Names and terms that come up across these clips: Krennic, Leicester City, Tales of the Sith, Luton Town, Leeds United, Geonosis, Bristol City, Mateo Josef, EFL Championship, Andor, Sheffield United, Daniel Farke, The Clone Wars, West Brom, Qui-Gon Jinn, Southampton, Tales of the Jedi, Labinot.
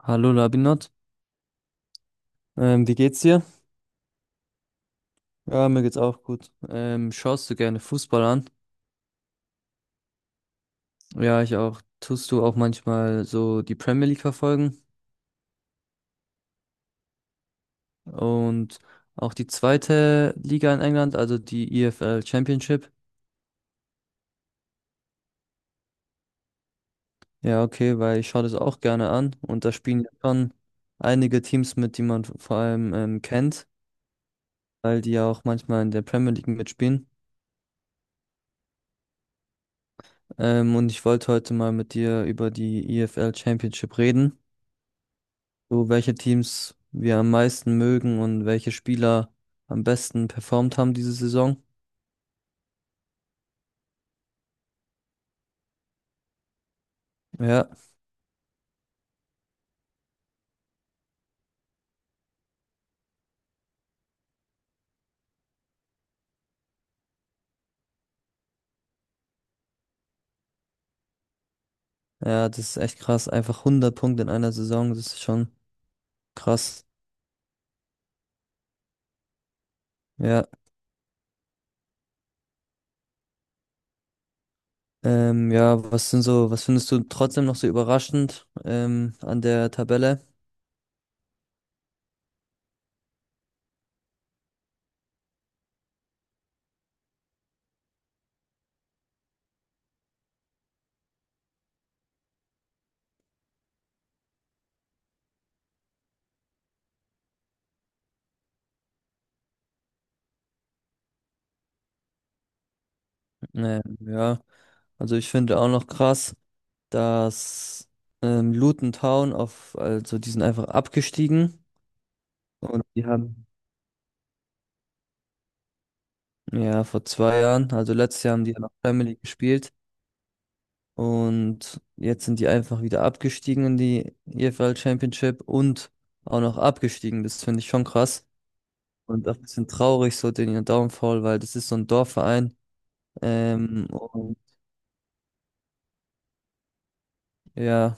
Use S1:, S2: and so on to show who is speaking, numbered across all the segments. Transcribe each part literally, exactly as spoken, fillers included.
S1: Hallo Labinot, ähm, wie geht's dir? Ja, mir geht's auch gut. Ähm, schaust du gerne Fußball an? Ja, ich auch. Tust du auch manchmal so die Premier League verfolgen und auch die zweite Liga in England, also die E F L Championship? Ja, okay, weil ich schaue das auch gerne an und da spielen ja schon einige Teams mit, die man vor allem ähm, kennt, weil die ja auch manchmal in der Premier League mitspielen. Ähm, und ich wollte heute mal mit dir über die E F L Championship reden, so welche Teams wir am meisten mögen und welche Spieler am besten performt haben diese Saison. Ja, ja, das ist echt krass. Einfach hundert Punkte in einer Saison, das ist schon krass. Ja, ähm, ja, was sind so, was findest du trotzdem noch so überraschend ähm, an der Tabelle? Ähm, ja, also ich finde auch noch krass, dass ähm, Luton Town auf, also die sind einfach abgestiegen und die haben ja vor zwei Jahren, also letztes Jahr haben die ja noch Premier League gespielt. Und jetzt sind die einfach wieder abgestiegen in die E F L Championship und auch noch abgestiegen. Das finde ich schon krass. Und auch ein bisschen traurig, so den ihr Downfall, weil das ist so ein Dorfverein. Ähm, und ja,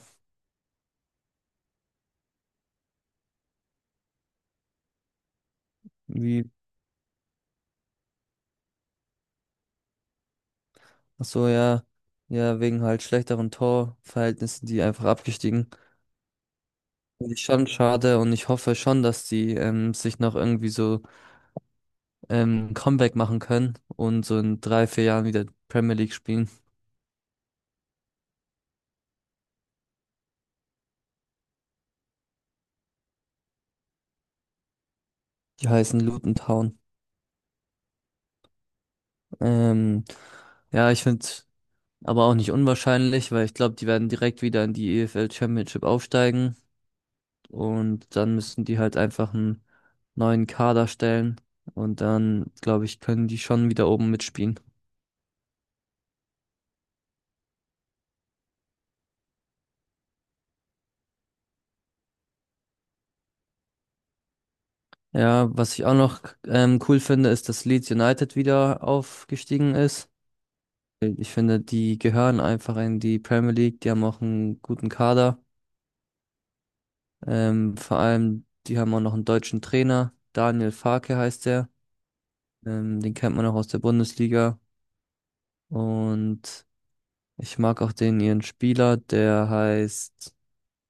S1: wie, ach so, ja, ja, wegen halt schlechteren Torverhältnissen, die einfach abgestiegen. Finde ich schon schade und ich hoffe schon, dass die ähm, sich noch irgendwie so ähm, Comeback machen können und so in drei, vier Jahren wieder Premier League spielen. Die heißen Luton Town. Ähm, ja, ich finde es aber auch nicht unwahrscheinlich, weil ich glaube, die werden direkt wieder in die E F L Championship aufsteigen und dann müssen die halt einfach einen neuen Kader stellen und dann, glaube ich, können die schon wieder oben mitspielen. Ja, was ich auch noch ähm, cool finde, ist, dass Leeds United wieder aufgestiegen ist. Ich finde, die gehören einfach in die Premier League, die haben auch einen guten Kader. Ähm, vor allem, die haben auch noch einen deutschen Trainer, Daniel Farke heißt der. Ähm, den kennt man auch aus der Bundesliga. Und ich mag auch den ihren Spieler, der heißt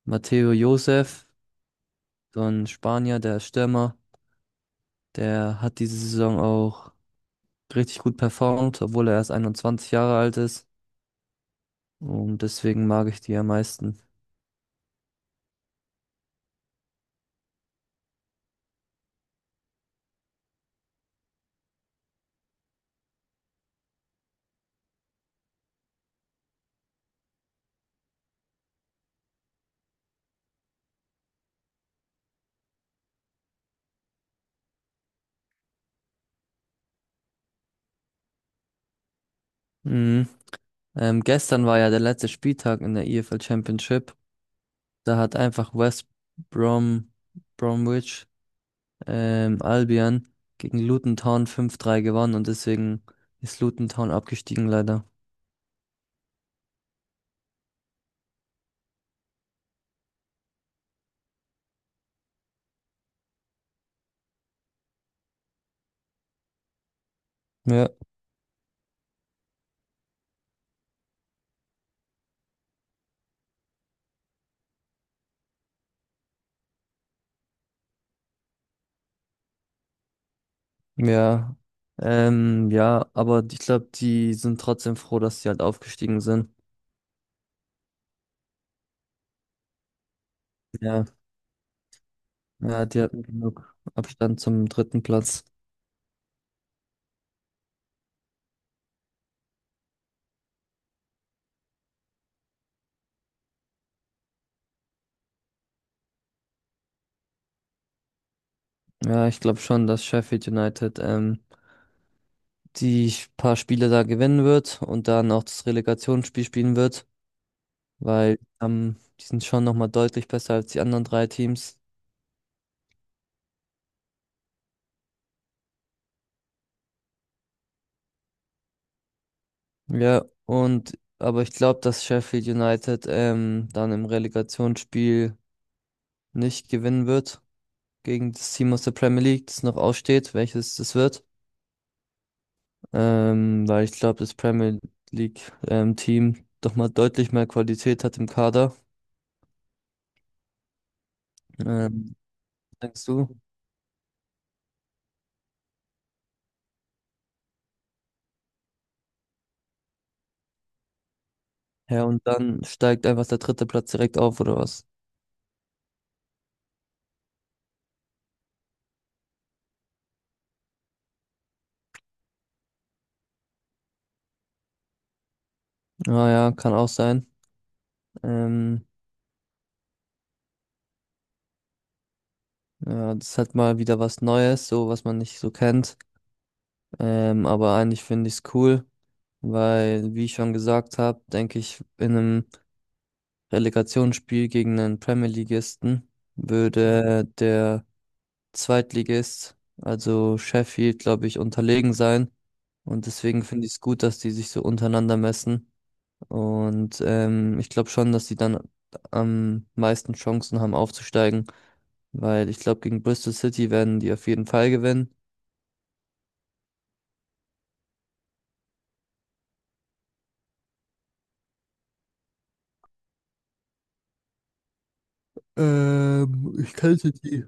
S1: Mateo Josef, so ein Spanier, der ist Stürmer. Der hat diese Saison auch richtig gut performt, obwohl er erst einundzwanzig Jahre alt ist. Und deswegen mag ich die am meisten. Mhm. Ähm, gestern war ja der letzte Spieltag in der E F L Championship. Da hat einfach West Brom, Bromwich ähm, Albion gegen Luton Town fünf drei gewonnen und deswegen ist Luton Town abgestiegen leider. Ja, ja. Ähm, ja, aber ich glaube, die sind trotzdem froh, dass sie halt aufgestiegen sind. Ja, ja, die hatten genug Abstand zum dritten Platz. Ja, ich glaube schon, dass Sheffield United ähm, die paar Spiele da gewinnen wird und dann auch das Relegationsspiel spielen wird, weil ähm, die sind schon nochmal deutlich besser als die anderen drei Teams. Ja, und aber ich glaube, dass Sheffield United ähm, dann im Relegationsspiel nicht gewinnen wird gegen das Team aus der Premier League, das noch aussteht, welches das wird. Ähm, weil ich glaube, das Premier League ähm, Team doch mal deutlich mehr Qualität hat im Kader. Ähm, Denkst du? Ja, und dann steigt einfach der dritte Platz direkt auf, oder was? Ah ja, kann auch sein. Ähm, ja, das ist halt mal wieder was Neues, so was man nicht so kennt. Ähm, aber eigentlich finde ich es cool, weil, wie ich schon gesagt habe, denke ich, in einem Relegationsspiel gegen einen Premier Ligisten würde der Zweitligist, also Sheffield, glaube ich, unterlegen sein. Und deswegen finde ich es gut, dass die sich so untereinander messen. Und ähm, ich glaube schon, dass die dann am meisten Chancen haben aufzusteigen, weil ich glaube, gegen Bristol City werden die auf jeden Fall gewinnen. Ähm, ich kannte die.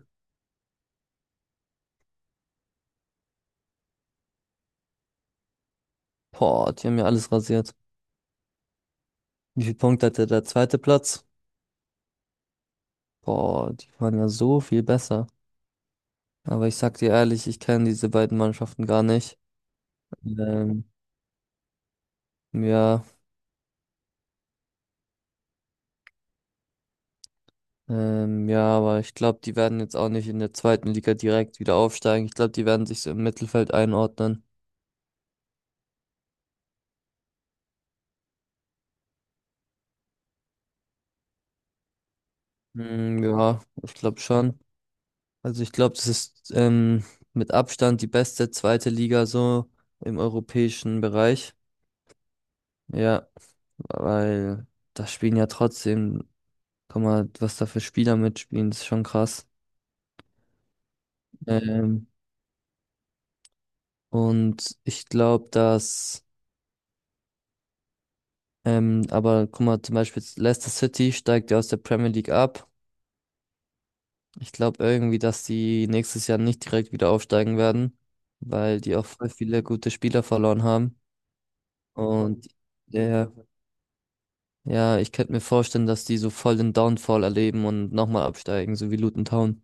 S1: Boah, die haben ja alles rasiert. Wie viel Punkte hatte der zweite Platz? Boah, die waren ja so viel besser. Aber ich sag dir ehrlich, ich kenne diese beiden Mannschaften gar nicht. Ähm, ja, ähm, ja, aber ich glaube, die werden jetzt auch nicht in der zweiten Liga direkt wieder aufsteigen. Ich glaube, die werden sich so im Mittelfeld einordnen. Hm, ja, ich glaube schon. Also ich glaube, das ist ähm, mit Abstand die beste zweite Liga so im europäischen Bereich. Ja, weil da spielen ja trotzdem, guck mal, was da für Spieler mitspielen, das ist schon krass. Ähm, und ich glaube, dass, ähm, aber guck mal, zum Beispiel jetzt Leicester City steigt ja aus der Premier League ab. Ich glaube irgendwie, dass die nächstes Jahr nicht direkt wieder aufsteigen werden, weil die auch voll viele gute Spieler verloren haben. Und der, ja, ich könnte mir vorstellen, dass die so voll den Downfall erleben und nochmal absteigen, so wie Luton Town.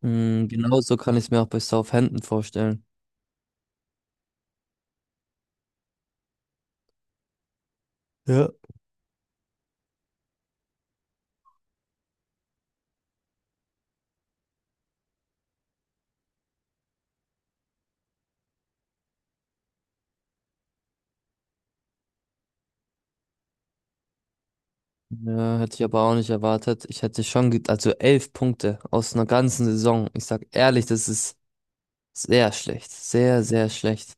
S1: Mhm, genauso kann ich es mir auch bei Southampton vorstellen. Ja. Ja, hätte ich aber auch nicht erwartet. Ich hätte schon, ge- also elf Punkte aus einer ganzen Saison. Ich sag ehrlich, das ist sehr schlecht. Sehr, sehr schlecht.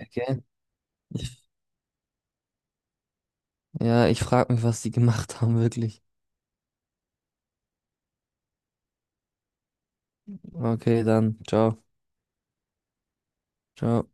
S1: Okay. Ich, ja, ich frage mich, was die gemacht haben, wirklich. Okay, dann. Ciao. Ciao.